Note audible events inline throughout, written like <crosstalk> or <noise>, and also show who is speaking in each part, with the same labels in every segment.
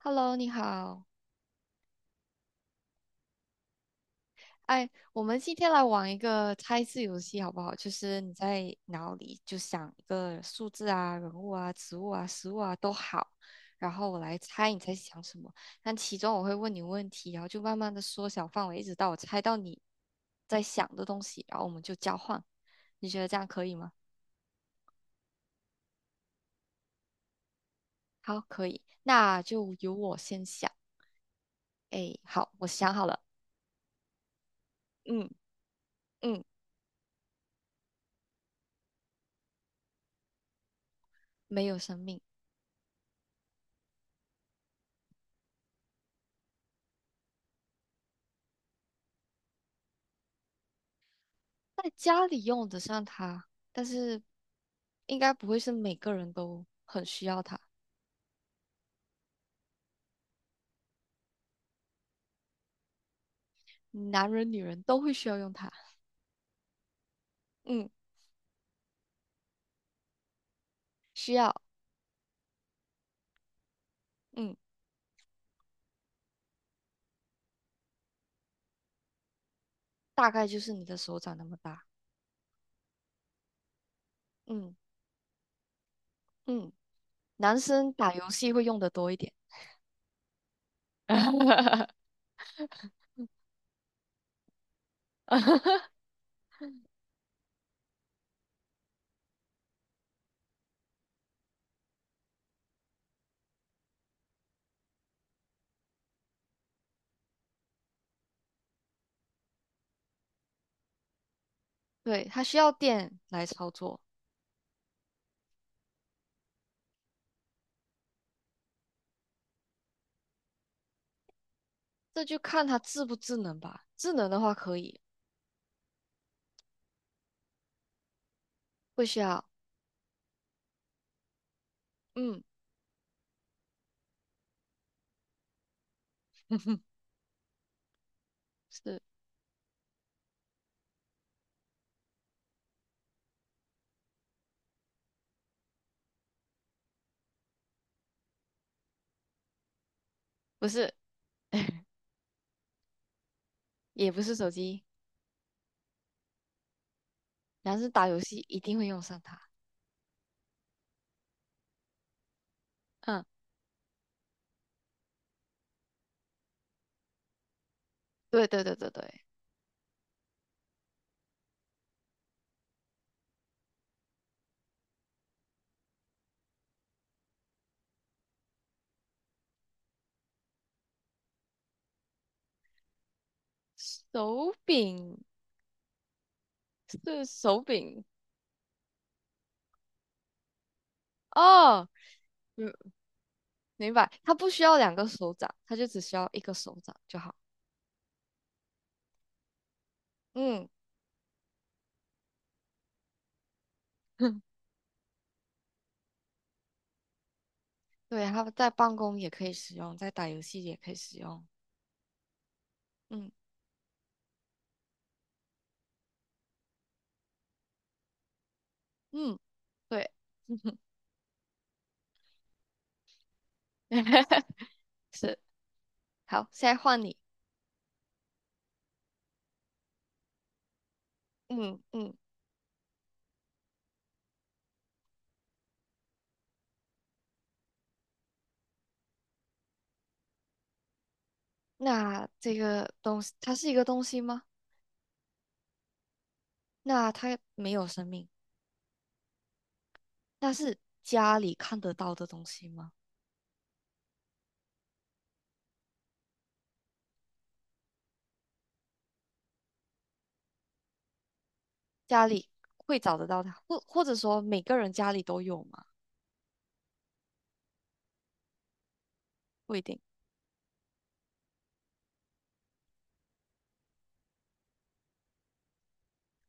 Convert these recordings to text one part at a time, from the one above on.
Speaker 1: Hello，你好。哎，我们今天来玩一个猜字游戏，好不好？就是你在脑里就想一个数字啊、人物啊、植物啊、食物啊都好，然后我来猜你在想什么。但其中我会问你问题，然后就慢慢的缩小范围，一直到我猜到你在想的东西，然后我们就交换。你觉得这样可以吗？好，可以。那就由我先想。哎，好，我想好了。嗯嗯，没有生命。在家里用得上它，但是应该不会是每个人都很需要它，男人女人都会需要用它。嗯，需要，嗯，大概就是你的手掌那么大。嗯嗯，男生打游戏会用的多一点。<laughs> 对，它需要电来操作，这就看它智不智能吧。智能的话可以，不需要。嗯，<laughs> 是不是？<laughs> 也不是手机，男生打游戏一定会用上它。嗯。对对对对对，手柄是手柄哦，嗯，明白，它不需要两个手掌，它就只需要一个手掌就好。嗯，<laughs> 对，它在办公也可以使用，在打游戏也可以使用。嗯嗯，对，<laughs> 是，好，现在换你。嗯嗯，那这个东西，它是一个东西吗？那它没有生命，那是家里看得到的东西吗？家里会找得到它，或者说每个人家里都有吗？不一定，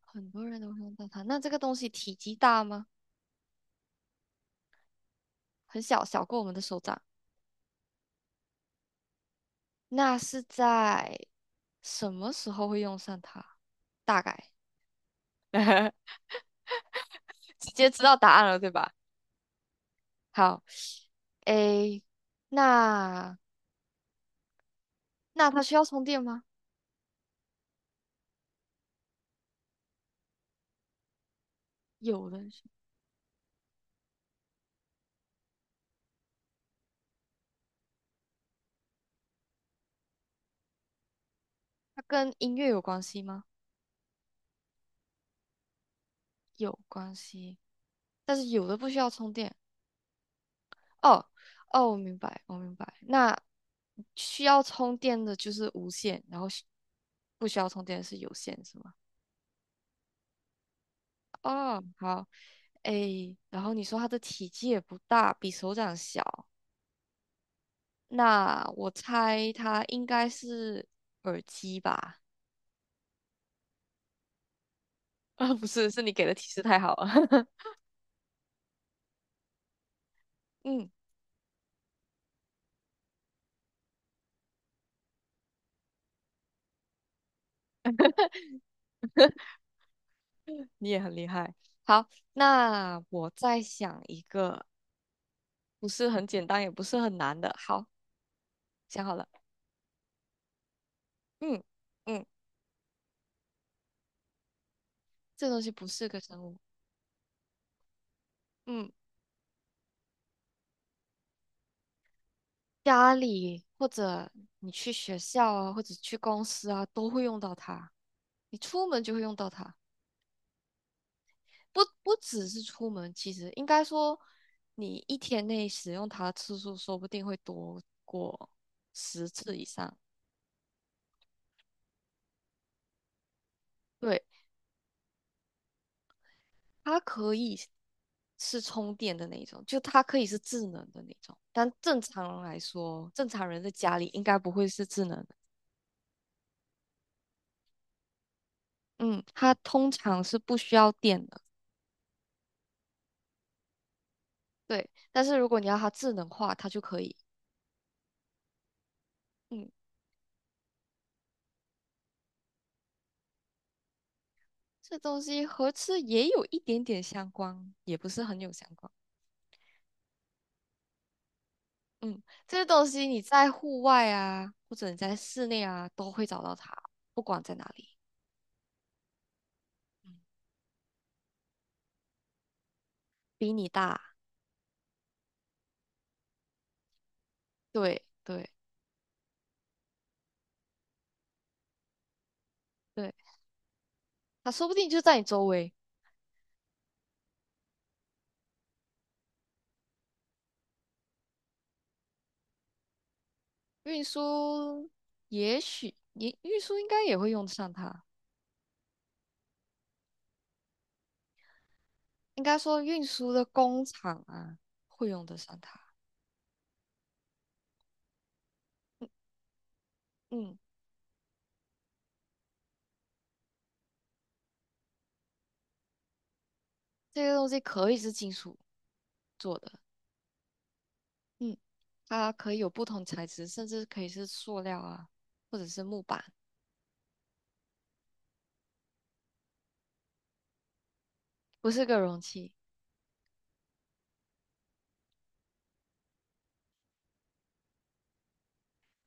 Speaker 1: 很多人都会用到它。那这个东西体积大吗？很小，小过我们的手掌。那是在什么时候会用上它？大概 <laughs> 直接知道答案了，对吧？好，诶，那那它需要充电吗？有的是它跟音乐有关系吗？有关系，但是有的不需要充电，哦哦，我明白，我明白。那需要充电的就是无线，然后不需要充电的是有线，是吗？哦，好，诶，然后你说它的体积也不大，比手掌小，那我猜它应该是耳机吧？<laughs> 啊，不是，是你给的提示太好了。<laughs> 嗯，你也很厉害。好，那我再想一个，不是很简单，也不是很难的。好，想好了。嗯。嗯。这东西不是个生物。嗯，家里或者你去学校啊，或者去公司啊，都会用到它。你出门就会用到它，不只是出门，其实应该说，你一天内使用它的次数说不定会多过10次以上。对，它可以是充电的那一种，就它可以是智能的那种。但正常人来说，正常人在家里应该不会是智能的。嗯，它通常是不需要电的。对，但是如果你要它智能化，它就可以。嗯，这东西和吃也有一点点相关，也不是很有相关。嗯，这个东西你在户外啊，或者你在室内啊，都会找到它，不管在哪里。嗯，比你大，对对对，它说不定就在你周围。运输也许你运输应该也会用得上它，应该说运输的工厂啊会用得上它。嗯，嗯这个东西可以是金属做的。嗯，它可以有不同材质，甚至可以是塑料啊，或者是木板，不是个容器。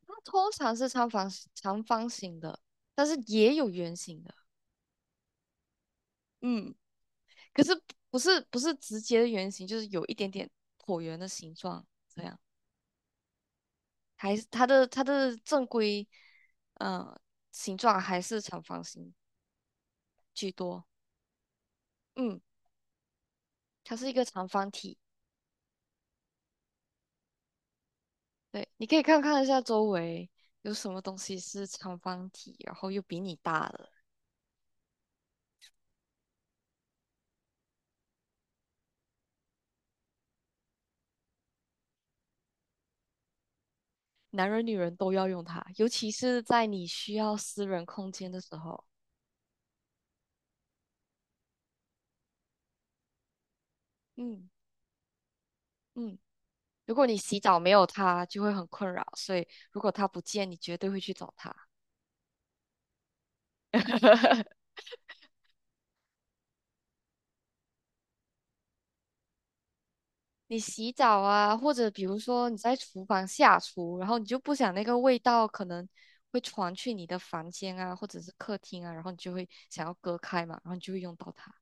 Speaker 1: 它通常是长方形的，但是也有圆形的，嗯，可是不是直接的圆形，就是有一点点椭圆的形状，这样还是它的正规，呃，形状还是长方形居多。嗯，它是一个长方体。对，你可以看看一下周围有什么东西是长方体，然后又比你大的。男人女人都要用它，尤其是在你需要私人空间的时候。嗯嗯，如果你洗澡没有它，就会很困扰，所以如果它不见，你绝对会去找它。<laughs> 你洗澡啊，或者比如说你在厨房下厨，然后你就不想那个味道可能会传去你的房间啊，或者是客厅啊，然后你就会想要隔开嘛，然后你就会用到它，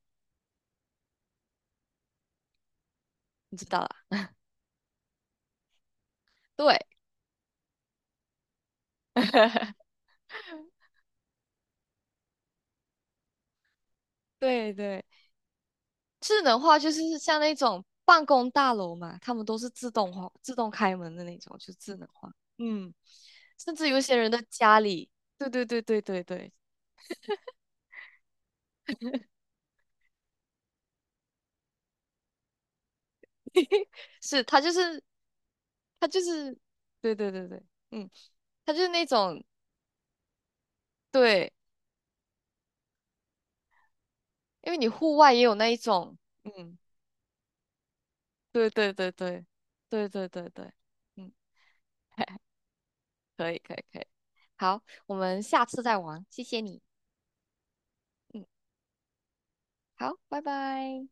Speaker 1: 你知道啦？对，<laughs> 对对。智能化就是像那种办公大楼嘛，他们都是自动化、自动开门的那种，就智能化。嗯，甚至有一些人的家里，对对对对对对，是他就是，对对对对，嗯，他就是那种对，因为你户外也有那一种，嗯，对对对对对对对对，嗯，<laughs> 可以可以可以，好，我们下次再玩，谢谢你，嗯，好，拜拜。